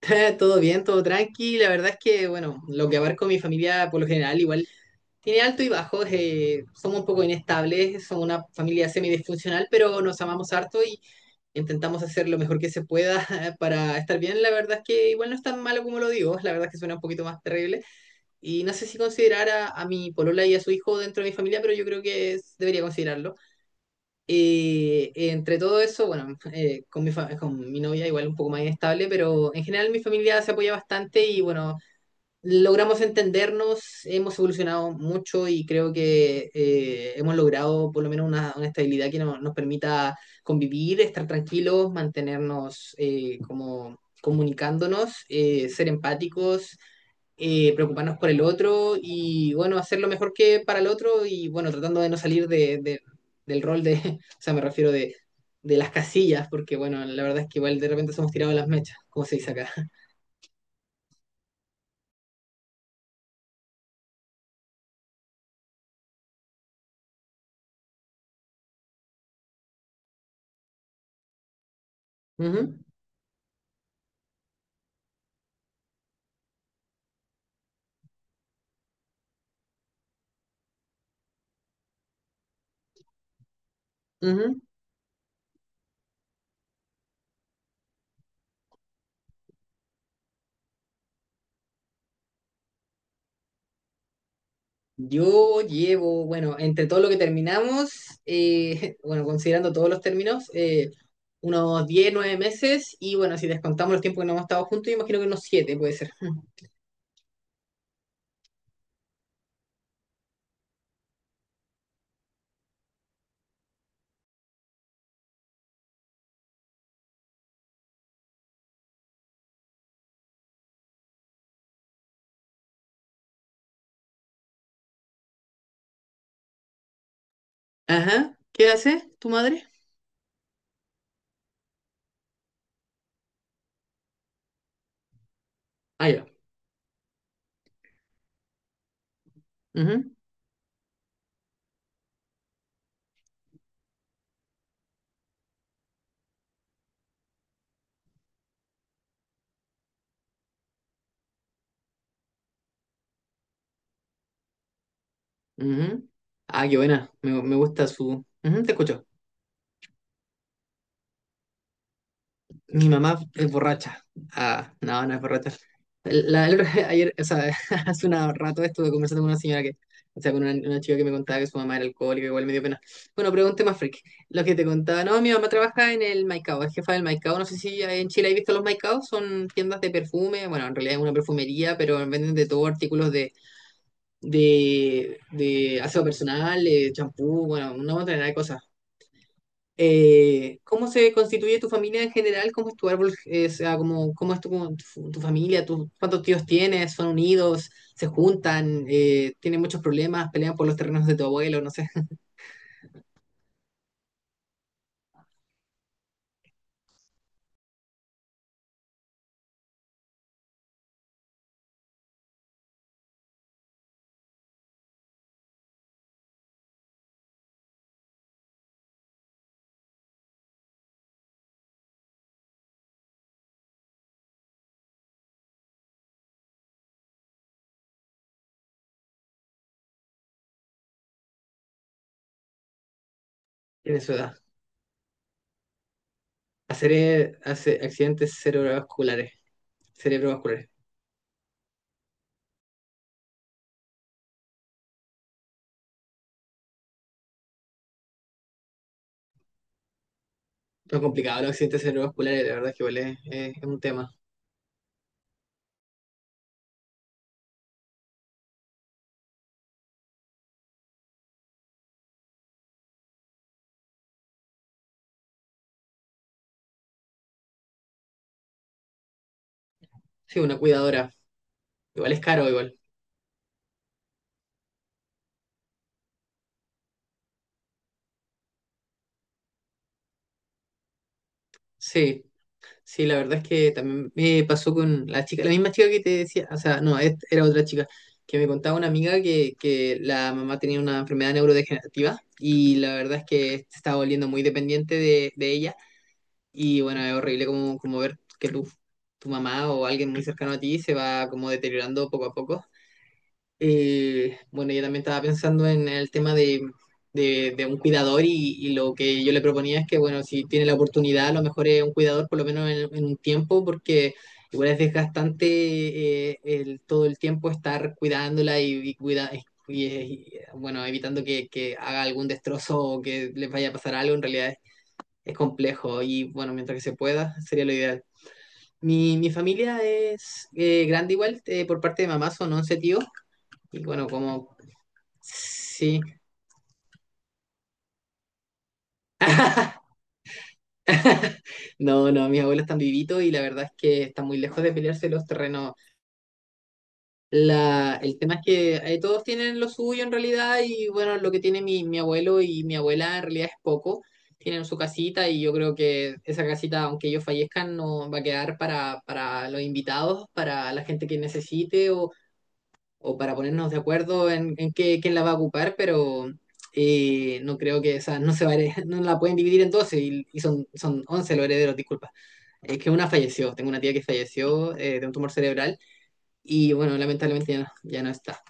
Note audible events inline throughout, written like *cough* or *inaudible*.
*laughs* Todo bien, todo tranqui. La verdad es que, bueno, lo que abarco mi familia por lo general igual tiene alto y bajo. Somos un poco inestables, somos una familia semidisfuncional, pero nos amamos harto y intentamos hacer lo mejor que se pueda *laughs* para estar bien. La verdad es que igual no es tan malo como lo digo, la verdad es que suena un poquito más terrible. Y no sé si considerar a mi polola y a su hijo dentro de mi familia, pero yo creo que debería considerarlo. Entre todo eso, bueno, con mi novia igual un poco más inestable, pero en general mi familia se apoya bastante y bueno, logramos entendernos, hemos evolucionado mucho y creo que hemos logrado por lo menos una estabilidad que nos permita convivir, estar tranquilos, mantenernos como comunicándonos, ser empáticos, preocuparnos por el otro y, bueno, hacer lo mejor que para el otro y, bueno, tratando de no salir del rol de, *laughs* o sea, me refiero de las casillas, porque, bueno, la verdad es que igual de repente somos tirados las mechas, como se dice acá. Ujú, ujú. Yo llevo, bueno, entre todo lo que terminamos, *laughs* bueno, considerando todos los términos, unos 10 9 meses y bueno, si descontamos los tiempos que no hemos estado juntos, imagino que unos 7 puede ser. *laughs* Ajá, ¿qué hace tu madre? Ah, ya. Ujú. Ujú. Ah, qué buena. Me gusta su. Ujú, te escucho. Mi mamá es borracha. Ah, no, no es borracha. *laughs* Ayer, o sea, *laughs* hace un rato estuve conversando con una señora que, o sea, con una chica que me contaba que su mamá era alcohólica, igual me dio pena. Bueno, pregunté más freak. Lo que te contaba, no, mi mamá trabaja en el Maicao, es jefa del Maicao. No sé si en Chile hay visto los Maicaos, son tiendas de perfume, bueno, en realidad es una perfumería, pero venden de todo, artículos de aseo personal, champú, bueno, una montaña de cosas. ¿Cómo se constituye tu familia en general? ¿Cómo es tu árbol? O sea, ¿cómo, cómo es tu, tu familia? ¿Cuántos tíos tienes? ¿Son unidos? ¿Se juntan? ¿Tienen muchos problemas? ¿Pelean por los terrenos de tu abuelo? No sé. Tiene su edad. Hacer hace accidentes cerebrovasculares. Cerebrovasculares. Lo complicado, los accidentes cerebrovasculares, la verdad es que igual es, es un tema. Sí, una cuidadora. Igual es caro, igual. Sí. Sí, la verdad es que también me pasó con la chica, la misma chica que te decía, o sea, no, era otra chica, que me contaba una amiga que la mamá tenía una enfermedad neurodegenerativa y la verdad es que se estaba volviendo muy dependiente de ella y bueno, es horrible como, como ver que tu mamá o alguien muy cercano a ti se va como deteriorando poco a poco. Bueno, yo también estaba pensando en el tema de, de un cuidador y lo que yo le proponía es que, bueno, si tiene la oportunidad, a lo mejor es un cuidador por lo menos en un tiempo, porque igual es desgastante, el, todo el tiempo estar cuidándola y cuida, y, bueno, evitando que haga algún destrozo o que les vaya a pasar algo, en realidad es complejo y, bueno, mientras que se pueda, sería lo ideal. Mi familia es grande igual, por parte de mamá son 11 tíos. Y bueno, como Sí. *laughs* No, no, mis abuelos están vivitos y la verdad es que están muy lejos de pelearse los terrenos. La, el tema es que todos tienen lo suyo en realidad y bueno, lo que tiene mi, mi abuelo y mi abuela en realidad es poco. Tienen su casita y yo creo que esa casita, aunque ellos fallezcan, no va a quedar para los invitados, para la gente que necesite o para ponernos de acuerdo en qué, quién la va a ocupar, pero no creo que esa no se va a *laughs* no la pueden dividir en 12 y son, son 11 los herederos, disculpa. Es que una falleció, tengo una tía que falleció de un tumor cerebral y bueno, lamentablemente ya no, ya no está.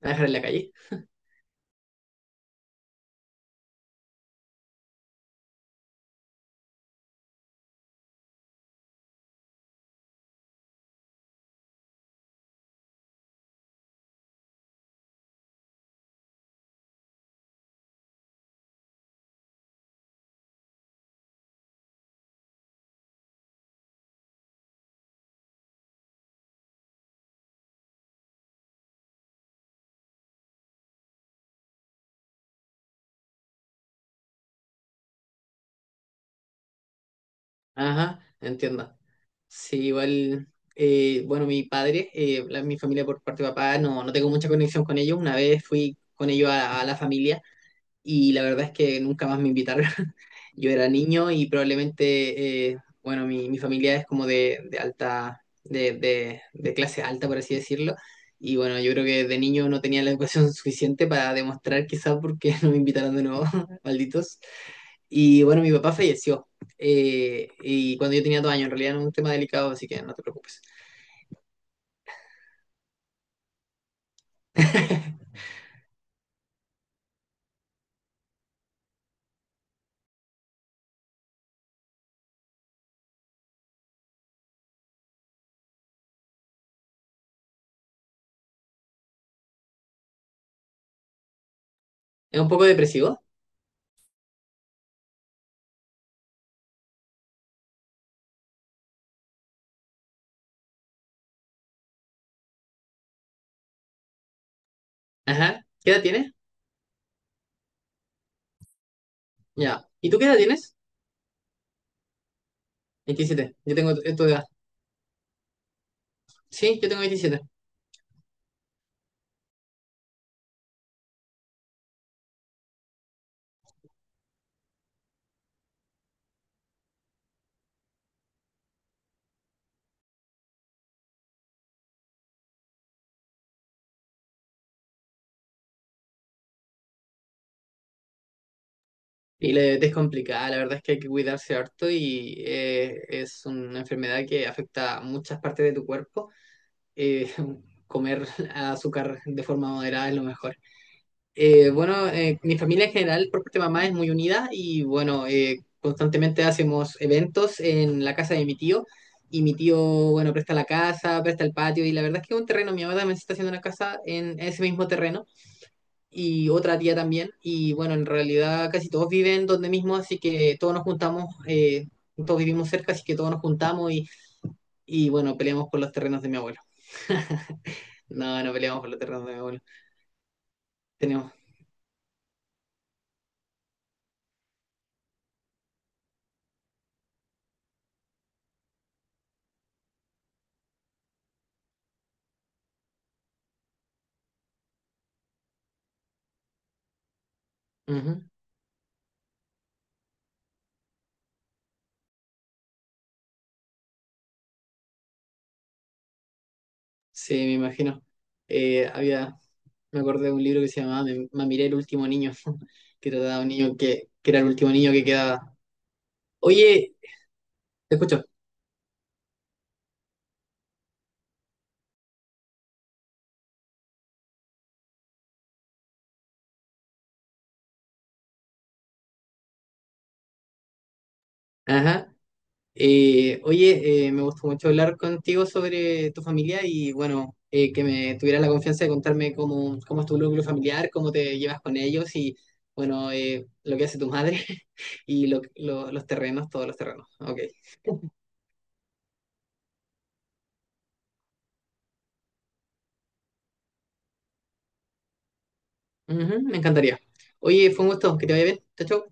La dejar en la calle. Ajá, entiendo. Sí, igual, bueno, mi padre, mi familia por parte de papá, no, no tengo mucha conexión con ellos. Una vez fui con ellos a la familia y la verdad es que nunca más me invitaron. *laughs* Yo era niño y probablemente, bueno, mi familia es como de alta, de clase alta, por así decirlo. Y bueno, yo creo que de niño no tenía la educación *laughs* suficiente para demostrar quizá por qué *laughs* no me invitaron de nuevo, *laughs* malditos. Y bueno, mi papá falleció. Y cuando yo tenía dos años, en realidad no es un tema delicado, así que no te preocupes. *laughs* Es un poco depresivo. Ajá. ¿Qué edad tienes? Ya. ¿Y tú qué edad tienes? Veintisiete. Yo tengo esto de Sí, yo tengo 27. Y la diabetes es complicada, la verdad es que hay que cuidarse harto y es una enfermedad que afecta a muchas partes de tu cuerpo. Eh, *laughs* comer azúcar de forma moderada es lo mejor. Bueno, mi familia en general, por parte de mamá, es muy unida y bueno, constantemente hacemos eventos en la casa de mi tío y mi tío, bueno, presta la casa, presta el patio y la verdad es que es un terreno, mi mamá también se está haciendo una casa en ese mismo terreno y otra tía también. Y bueno, en realidad casi todos viven donde mismo, así que todos nos juntamos, todos vivimos cerca, así que todos nos juntamos y bueno, peleamos por los terrenos de mi abuelo. *laughs* No, no peleamos por los terrenos de mi abuelo. Tenemos. Ujú. Sí, me imagino. Había, me acordé de un libro que se llamaba Me, Mamiré el último niño, *laughs* que trataba de un niño que era el último niño que quedaba. Oye, te escucho. Ajá. Oye, me gustó mucho hablar contigo sobre tu familia y bueno, que me tuvieras la confianza de contarme cómo, cómo es tu núcleo familiar, cómo te llevas con ellos y bueno, lo que hace tu madre *laughs* y los terrenos, todos los terrenos. Ok, Ujú, me encantaría. Oye, fue un gusto, que te vaya bien. Chao, chao.